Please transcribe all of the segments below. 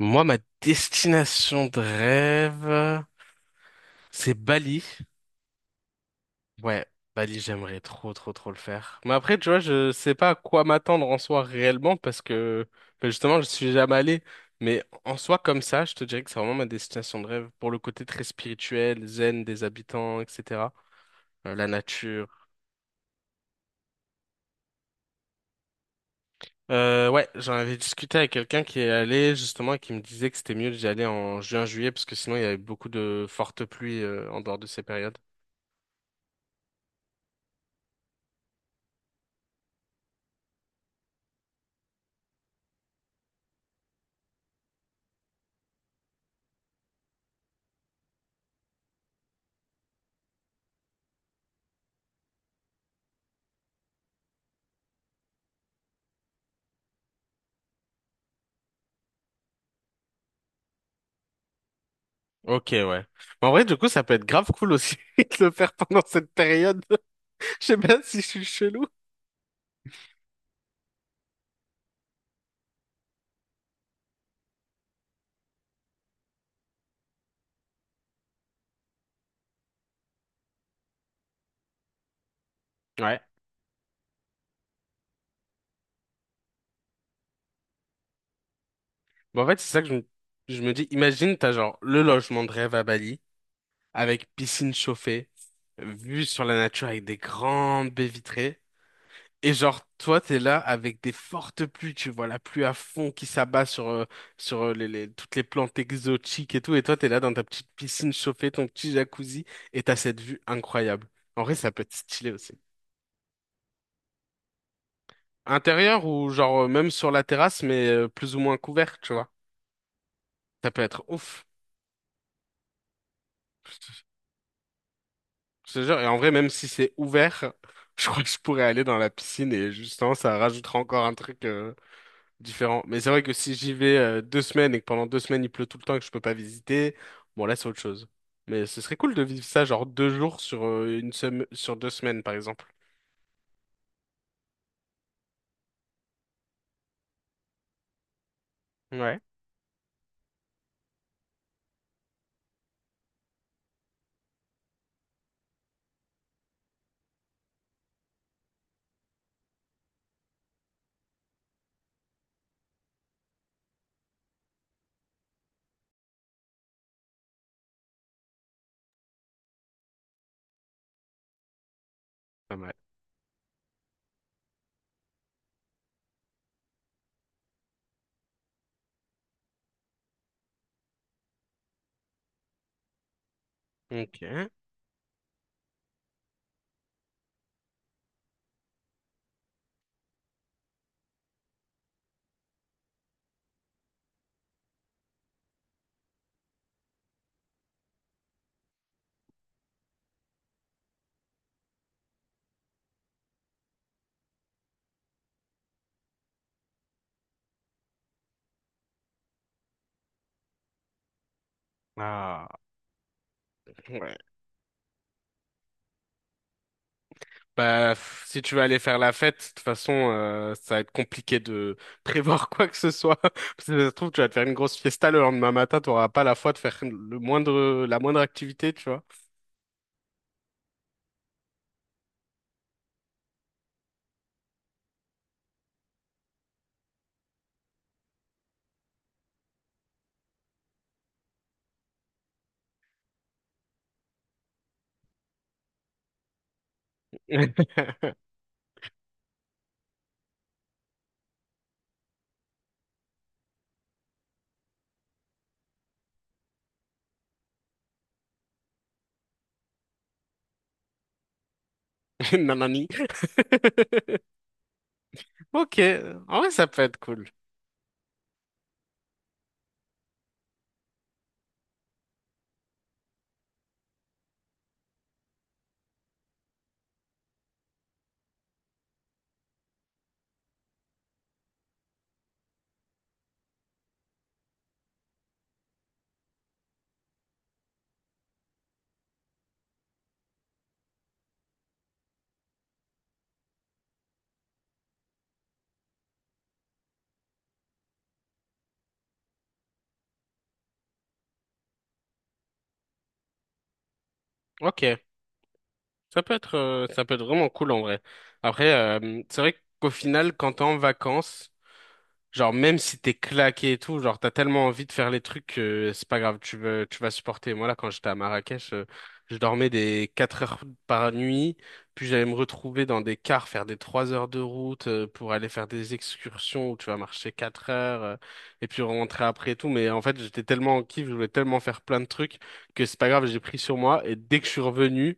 Moi, ma destination de rêve, c'est Bali. Ouais, Bali, j'aimerais trop, trop, trop le faire. Mais après, tu vois, je sais pas à quoi m'attendre en soi réellement parce que ben, justement, je suis jamais allé. Mais en soi, comme ça, je te dirais que c'est vraiment ma destination de rêve pour le côté très spirituel, zen des habitants, etc. La nature. Ouais, j'en avais discuté avec quelqu'un qui est allé justement et qui me disait que c'était mieux d'y aller en juin-juillet parce que sinon il y avait beaucoup de fortes pluies en dehors de ces périodes. Ok, ouais. Mais en vrai, du coup, ça peut être grave cool aussi de le faire pendant cette période. Je sais pas si je suis chelou. Ouais. Mais en fait, c'est ça que je me dis. Imagine, t'as genre le logement de rêve à Bali, avec piscine chauffée, vue sur la nature avec des grandes baies vitrées. Et genre, toi, t'es là avec des fortes pluies, tu vois la pluie à fond qui s'abat sur toutes les plantes exotiques et tout. Et toi, t'es là dans ta petite piscine chauffée, ton petit jacuzzi, et t'as cette vue incroyable. En vrai, ça peut être stylé aussi. Intérieur ou genre même sur la terrasse, mais plus ou moins couvert, tu vois. Ça peut être ouf. Je te jure. Et en vrai, même si c'est ouvert, je crois que je pourrais aller dans la piscine et justement, ça rajoutera encore un truc différent. Mais c'est vrai que si j'y vais 2 semaines et que pendant 2 semaines il pleut tout le temps et que je peux pas visiter, bon là c'est autre chose. Mais ce serait cool de vivre ça genre 2 jours sur une semaine, sur 2 semaines par exemple. Ouais. Pas mal. Ok. Ah. Ouais. Bah, si tu veux aller faire la fête, de toute façon, ça va être compliqué de prévoir quoi que ce soit. Parce que ça se trouve, tu vas te faire une grosse fiesta le lendemain matin, tu n'auras pas la foi de faire le moindre, la moindre activité, tu vois. Nanani. Ok, en vrai, ça peut être cool. Ok, ça peut être vraiment cool en vrai. Après, c'est vrai qu'au final, quand t'es en vacances, genre, même si t'es claqué et tout, genre, t'as tellement envie de faire les trucs que c'est pas grave, tu veux, tu vas supporter. Moi, là, quand j'étais à Marrakech, je dormais des 4 heures par nuit, puis j'allais me retrouver dans des cars, faire des 3 heures de route pour aller faire des excursions où tu vas marcher 4 heures, et puis rentrer après et tout. Mais en fait, j'étais tellement en kiff, je voulais tellement faire plein de trucs que c'est pas grave, j'ai pris sur moi, et dès que je suis revenu,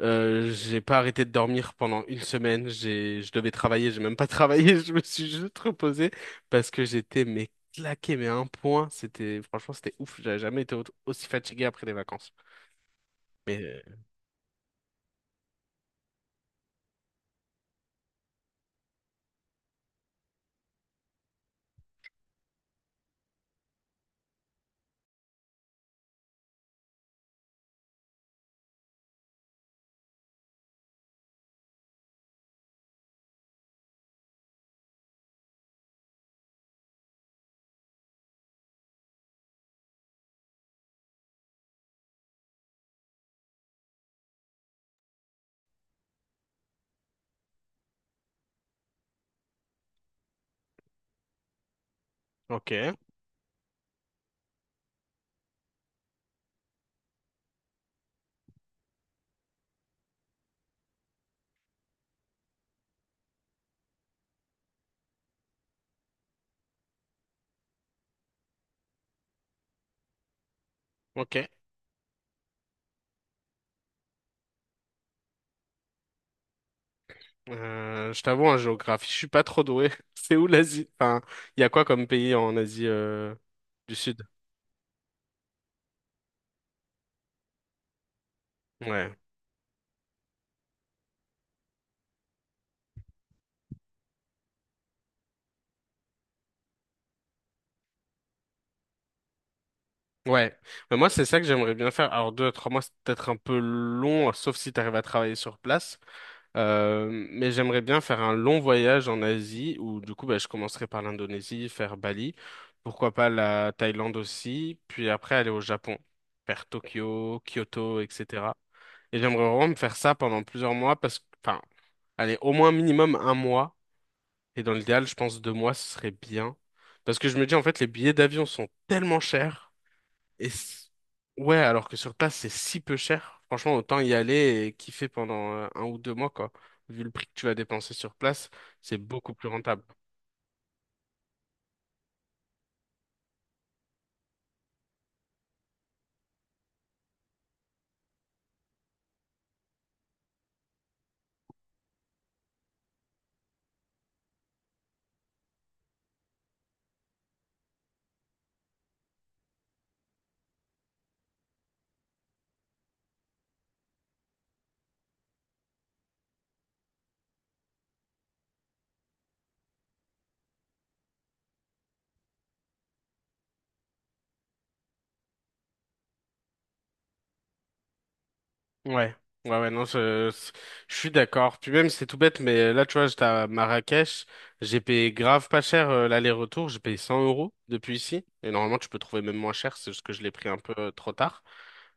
j'ai pas arrêté de dormir pendant une semaine. Je devais travailler, j'ai même pas travaillé. Je me suis juste reposé parce que j'étais mais claqué, mais à un point. C'était franchement, c'était ouf. J'avais jamais été aussi fatigué après des vacances. Mais ok, ok. Je t'avoue, en géographie, je suis pas trop doué. C'est où l'Asie? Enfin, il y a quoi comme pays en Asie du Sud? Ouais. Ouais, mais moi c'est ça que j'aimerais bien faire. Alors 2 à 3 mois c'est peut-être un peu long, sauf si t'arrives à travailler sur place. Mais j'aimerais bien faire un long voyage en Asie où du coup bah, je commencerai par l'Indonésie, faire Bali, pourquoi pas la Thaïlande aussi, puis après aller au Japon, faire Tokyo, Kyoto, etc. Et j'aimerais vraiment me faire ça pendant plusieurs mois parce que, enfin, allez, au moins minimum un mois, et dans l'idéal, je pense 2 mois, ce serait bien. Parce que je me dis en fait, les billets d'avion sont tellement chers et ouais, alors que sur place, c'est si peu cher. Franchement, autant y aller et kiffer pendant 1 ou 2 mois, quoi. Vu le prix que tu vas dépenser sur place, c'est beaucoup plus rentable. Ouais, ouais, ouais, non, je suis d'accord. Puis même, c'est tout bête, mais là, tu vois, j'étais à Marrakech, j'ai payé grave pas cher l'aller-retour, j'ai payé 100 € depuis ici. Et normalement, tu peux trouver même moins cher, c'est juste que je l'ai pris un peu trop tard.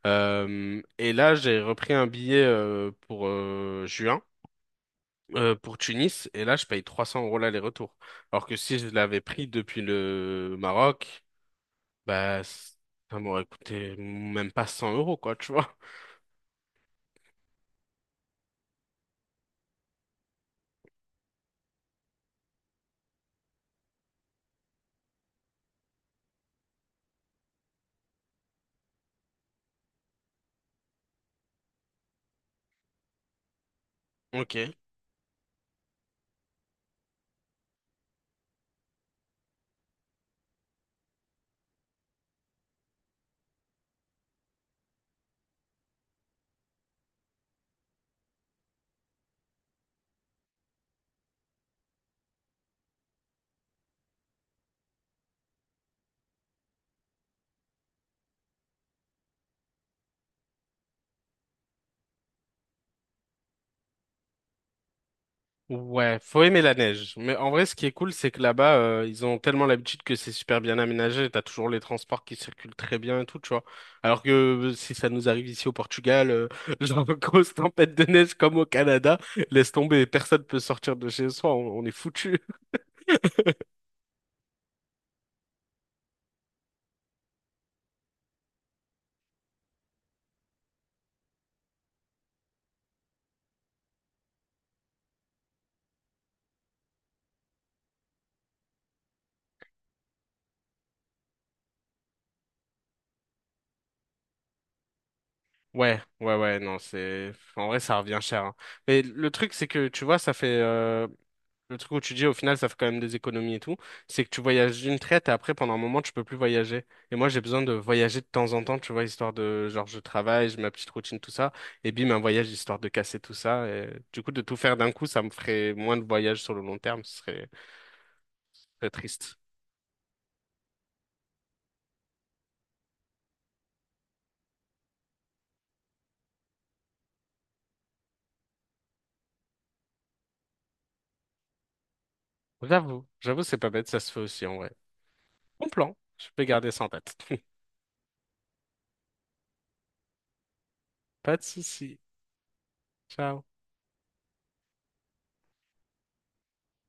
Et là, j'ai repris un billet pour juin. Pour Tunis et là je paye 300 € l'aller-retour. Alors que si je l'avais pris depuis le Maroc, bah ça m'aurait coûté même pas 100 € quoi, tu vois. Ok. Ouais, faut aimer la neige. Mais en vrai, ce qui est cool, c'est que là-bas, ils ont tellement l'habitude que c'est super bien aménagé. T'as toujours les transports qui circulent très bien et tout, tu vois. Alors que si ça nous arrive ici au Portugal, genre grosse tempête de neige comme au Canada, laisse tomber, personne peut sortir de chez soi, on est foutu. Ouais, ouais, ouais, non, en vrai, ça revient cher, hein. Mais le truc, c'est que, tu vois, le truc où tu dis, au final, ça fait quand même des économies et tout, c'est que tu voyages d'une traite et après, pendant un moment, tu peux plus voyager. Et moi, j'ai besoin de voyager de temps en temps, tu vois, genre, je travaille, j'ai ma petite routine, tout ça. Et bim, un voyage, histoire de casser tout ça. Et du coup, de tout faire d'un coup, ça me ferait moins de voyages sur le long terme. Ce serait très triste. J'avoue, j'avoue, c'est pas bête, ça se fait aussi, en vrai. Bon plan. Je peux garder ça en tête. Pas de souci. Ciao.